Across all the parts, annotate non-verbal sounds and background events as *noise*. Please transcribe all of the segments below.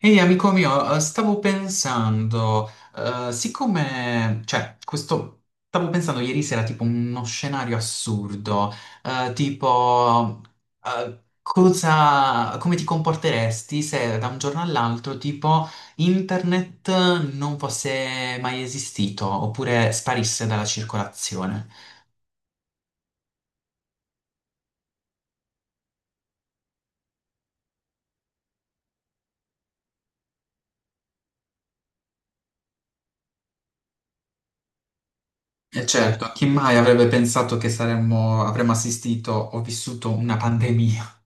Ehi amico mio, stavo pensando, siccome, stavo pensando ieri sera tipo uno scenario assurdo, eh, tipo, cosa, come ti comporteresti se da un giorno all'altro tipo internet non fosse mai esistito oppure sparisse dalla circolazione? E certo, chi mai avrebbe pensato che avremmo assistito o vissuto una pandemia?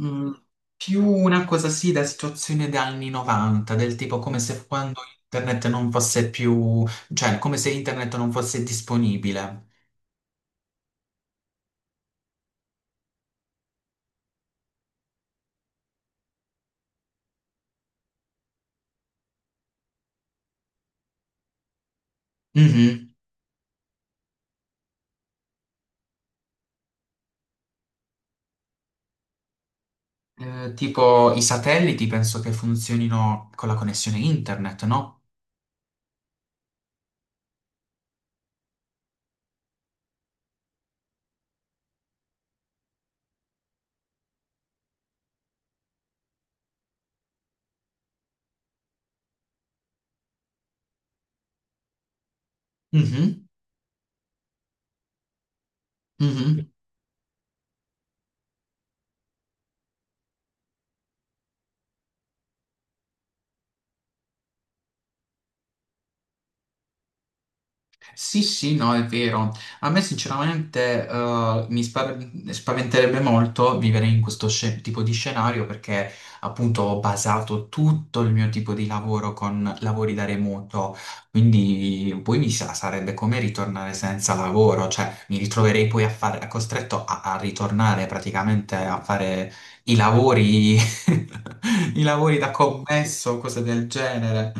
Mm, più una cosa sì da situazione degli anni 90, del tipo come se quando internet non fosse più, cioè come se internet non fosse disponibile. Mhm. Tipo i satelliti penso che funzionino con la connessione internet, no? Mhm, mhm. Sì, sì, no, è vero. A me sinceramente spaventerebbe molto vivere in questo tipo di scenario perché appunto ho basato tutto il mio tipo di lavoro con lavori da remoto, quindi poi sarebbe come ritornare senza lavoro, cioè mi ritroverei poi a fare, costretto a ritornare praticamente a fare i lavori, *laughs* i lavori da commesso, cose del genere.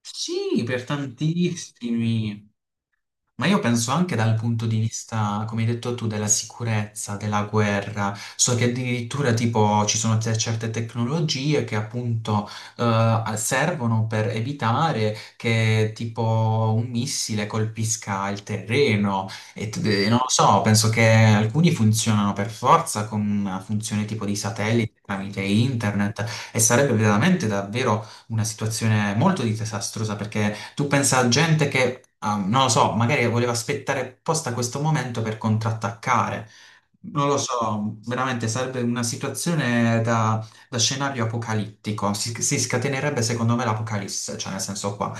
Sì, per tantissimi. Ma io penso anche dal punto di vista, come hai detto tu, della sicurezza, della guerra. So che addirittura tipo ci sono certe tecnologie che appunto servono per evitare che tipo un missile colpisca il terreno. E non lo so, penso che alcuni funzionano per forza con una funzione tipo di satellite tramite internet e sarebbe veramente davvero una situazione molto disastrosa perché tu pensa a gente che, ah, non lo so, magari voleva aspettare apposta questo momento per contrattaccare. Non lo so, veramente sarebbe una situazione da scenario apocalittico. Si scatenerebbe secondo me l'apocalisse, cioè nel senso qua.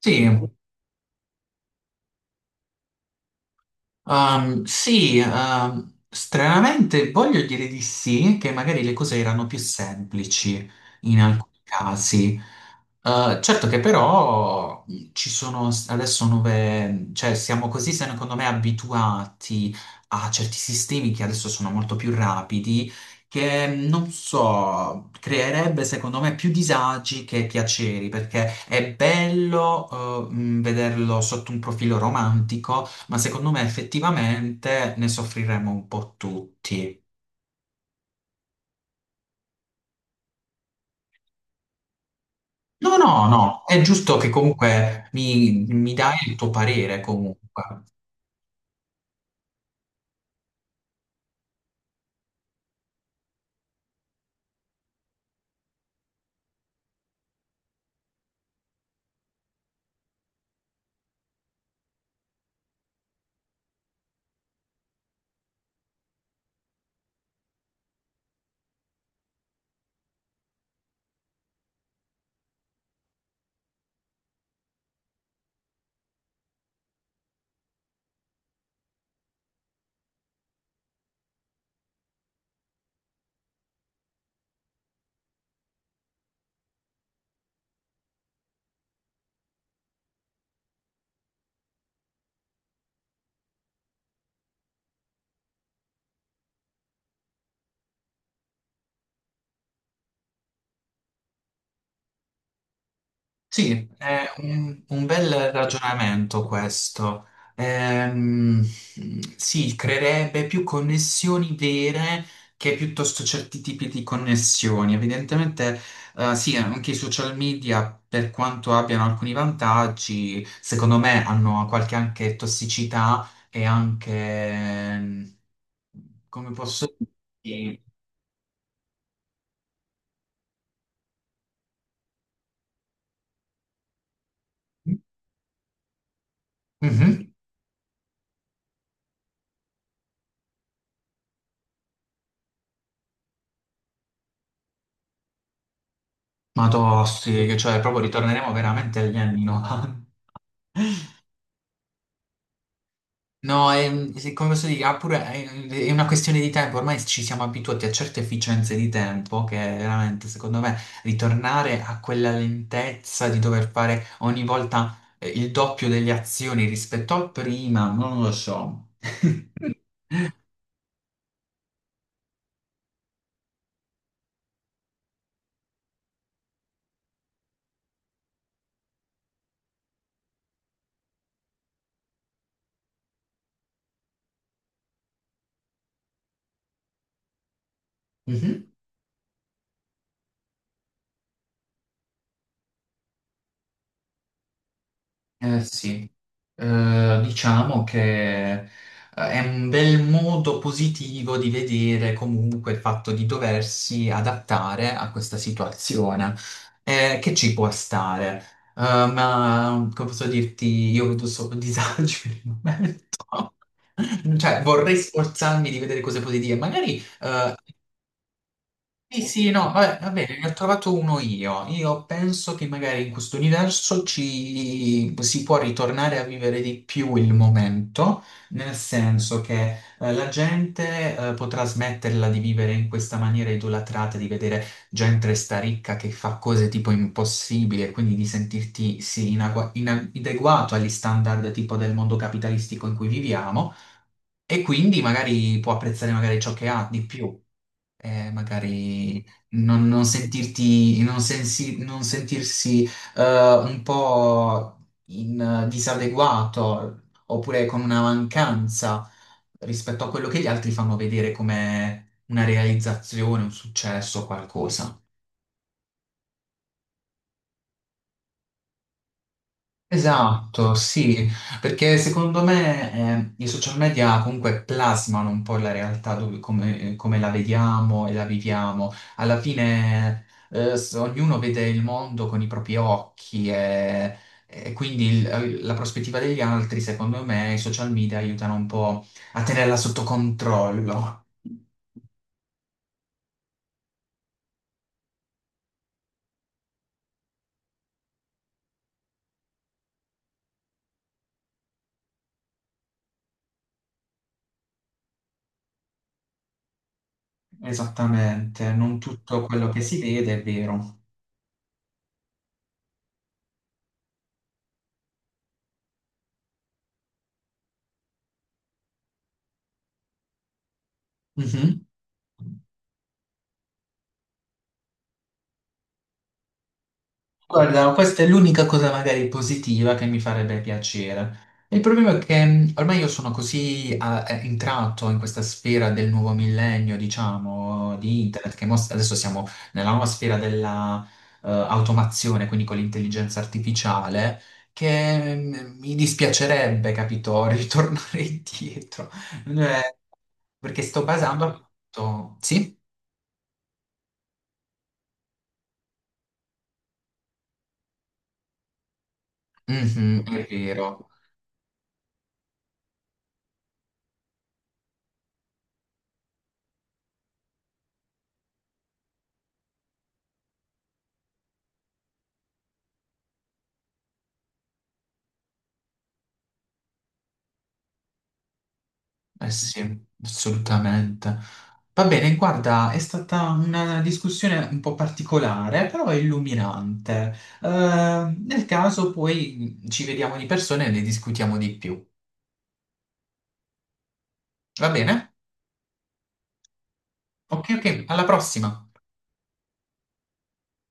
Sì. Sì, stranamente voglio dire di sì, che magari le cose erano più semplici in alcuni casi. Certo che però ci sono adesso nuove, cioè siamo così secondo me abituati a certi sistemi che adesso sono molto più rapidi, che non so, creerebbe secondo me più disagi che piaceri, perché è bello vederlo sotto un profilo romantico ma secondo me effettivamente ne soffriremo un po' tutti. No, no, no, è giusto che comunque mi dai il tuo parere comunque. Sì, è un bel ragionamento questo. Ehm, sì, creerebbe più connessioni vere che piuttosto certi tipi di connessioni. Evidentemente, sì, anche i social media, per quanto abbiano alcuni vantaggi, secondo me hanno qualche anche tossicità e anche, come posso dire. Mhm. Ma tossi, cioè proprio ritorneremo veramente agli anni 90. No, è, sì, come posso dire, è una questione di tempo, ormai ci siamo abituati a certe efficienze di tempo che veramente, secondo me, ritornare a quella lentezza di dover fare ogni volta il doppio delle azioni rispetto al prima, non lo so. *laughs* Mhm. Eh sì. Diciamo che è un bel modo positivo di vedere comunque il fatto di doversi adattare a questa situazione, che ci può stare. Ma come posso dirti, io vedo solo *laughs* disagi per il momento. *laughs* Cioè, vorrei sforzarmi di vedere cose positive, magari sì, sì, no, vabbè, va bene, ne ho trovato uno io. Io penso che magari in questo universo ci si può ritornare a vivere di più il momento, nel senso che la gente potrà smetterla di vivere in questa maniera idolatrata, di vedere gente sta ricca che fa cose tipo impossibili e quindi di sentirti sì, inadeguato agli standard tipo del mondo capitalistico in cui viviamo e quindi magari può apprezzare magari ciò che ha di più magari non sentirti, non sentirsi eh, un po' in, disadeguato oppure con una mancanza rispetto a quello che gli altri fanno vedere come una realizzazione, un successo, qualcosa. Esatto, sì, perché secondo me i social media comunque plasmano un po' la realtà come, come la vediamo e la viviamo. Alla fine ognuno vede il mondo con i propri occhi e quindi la prospettiva degli altri, secondo me, i social media aiutano un po' a tenerla sotto controllo. Esattamente, non tutto quello che si vede è vero. Guarda, questa è l'unica cosa magari positiva che mi farebbe piacere. Il problema è che ormai io sono così entrato in questa sfera del nuovo millennio, diciamo, di internet, che adesso siamo nella nuova sfera della automazione, quindi con l'intelligenza artificiale, che mi dispiacerebbe, capito, *laughs* ritornare indietro. Eh, perché sto basando appunto... Sì? Mhm, è vero. Eh sì, assolutamente. Va bene, guarda, è stata una discussione un po' particolare, però illuminante. Nel caso poi ci vediamo di persona e ne discutiamo di più. Va bene? Ok, ok, alla prossima.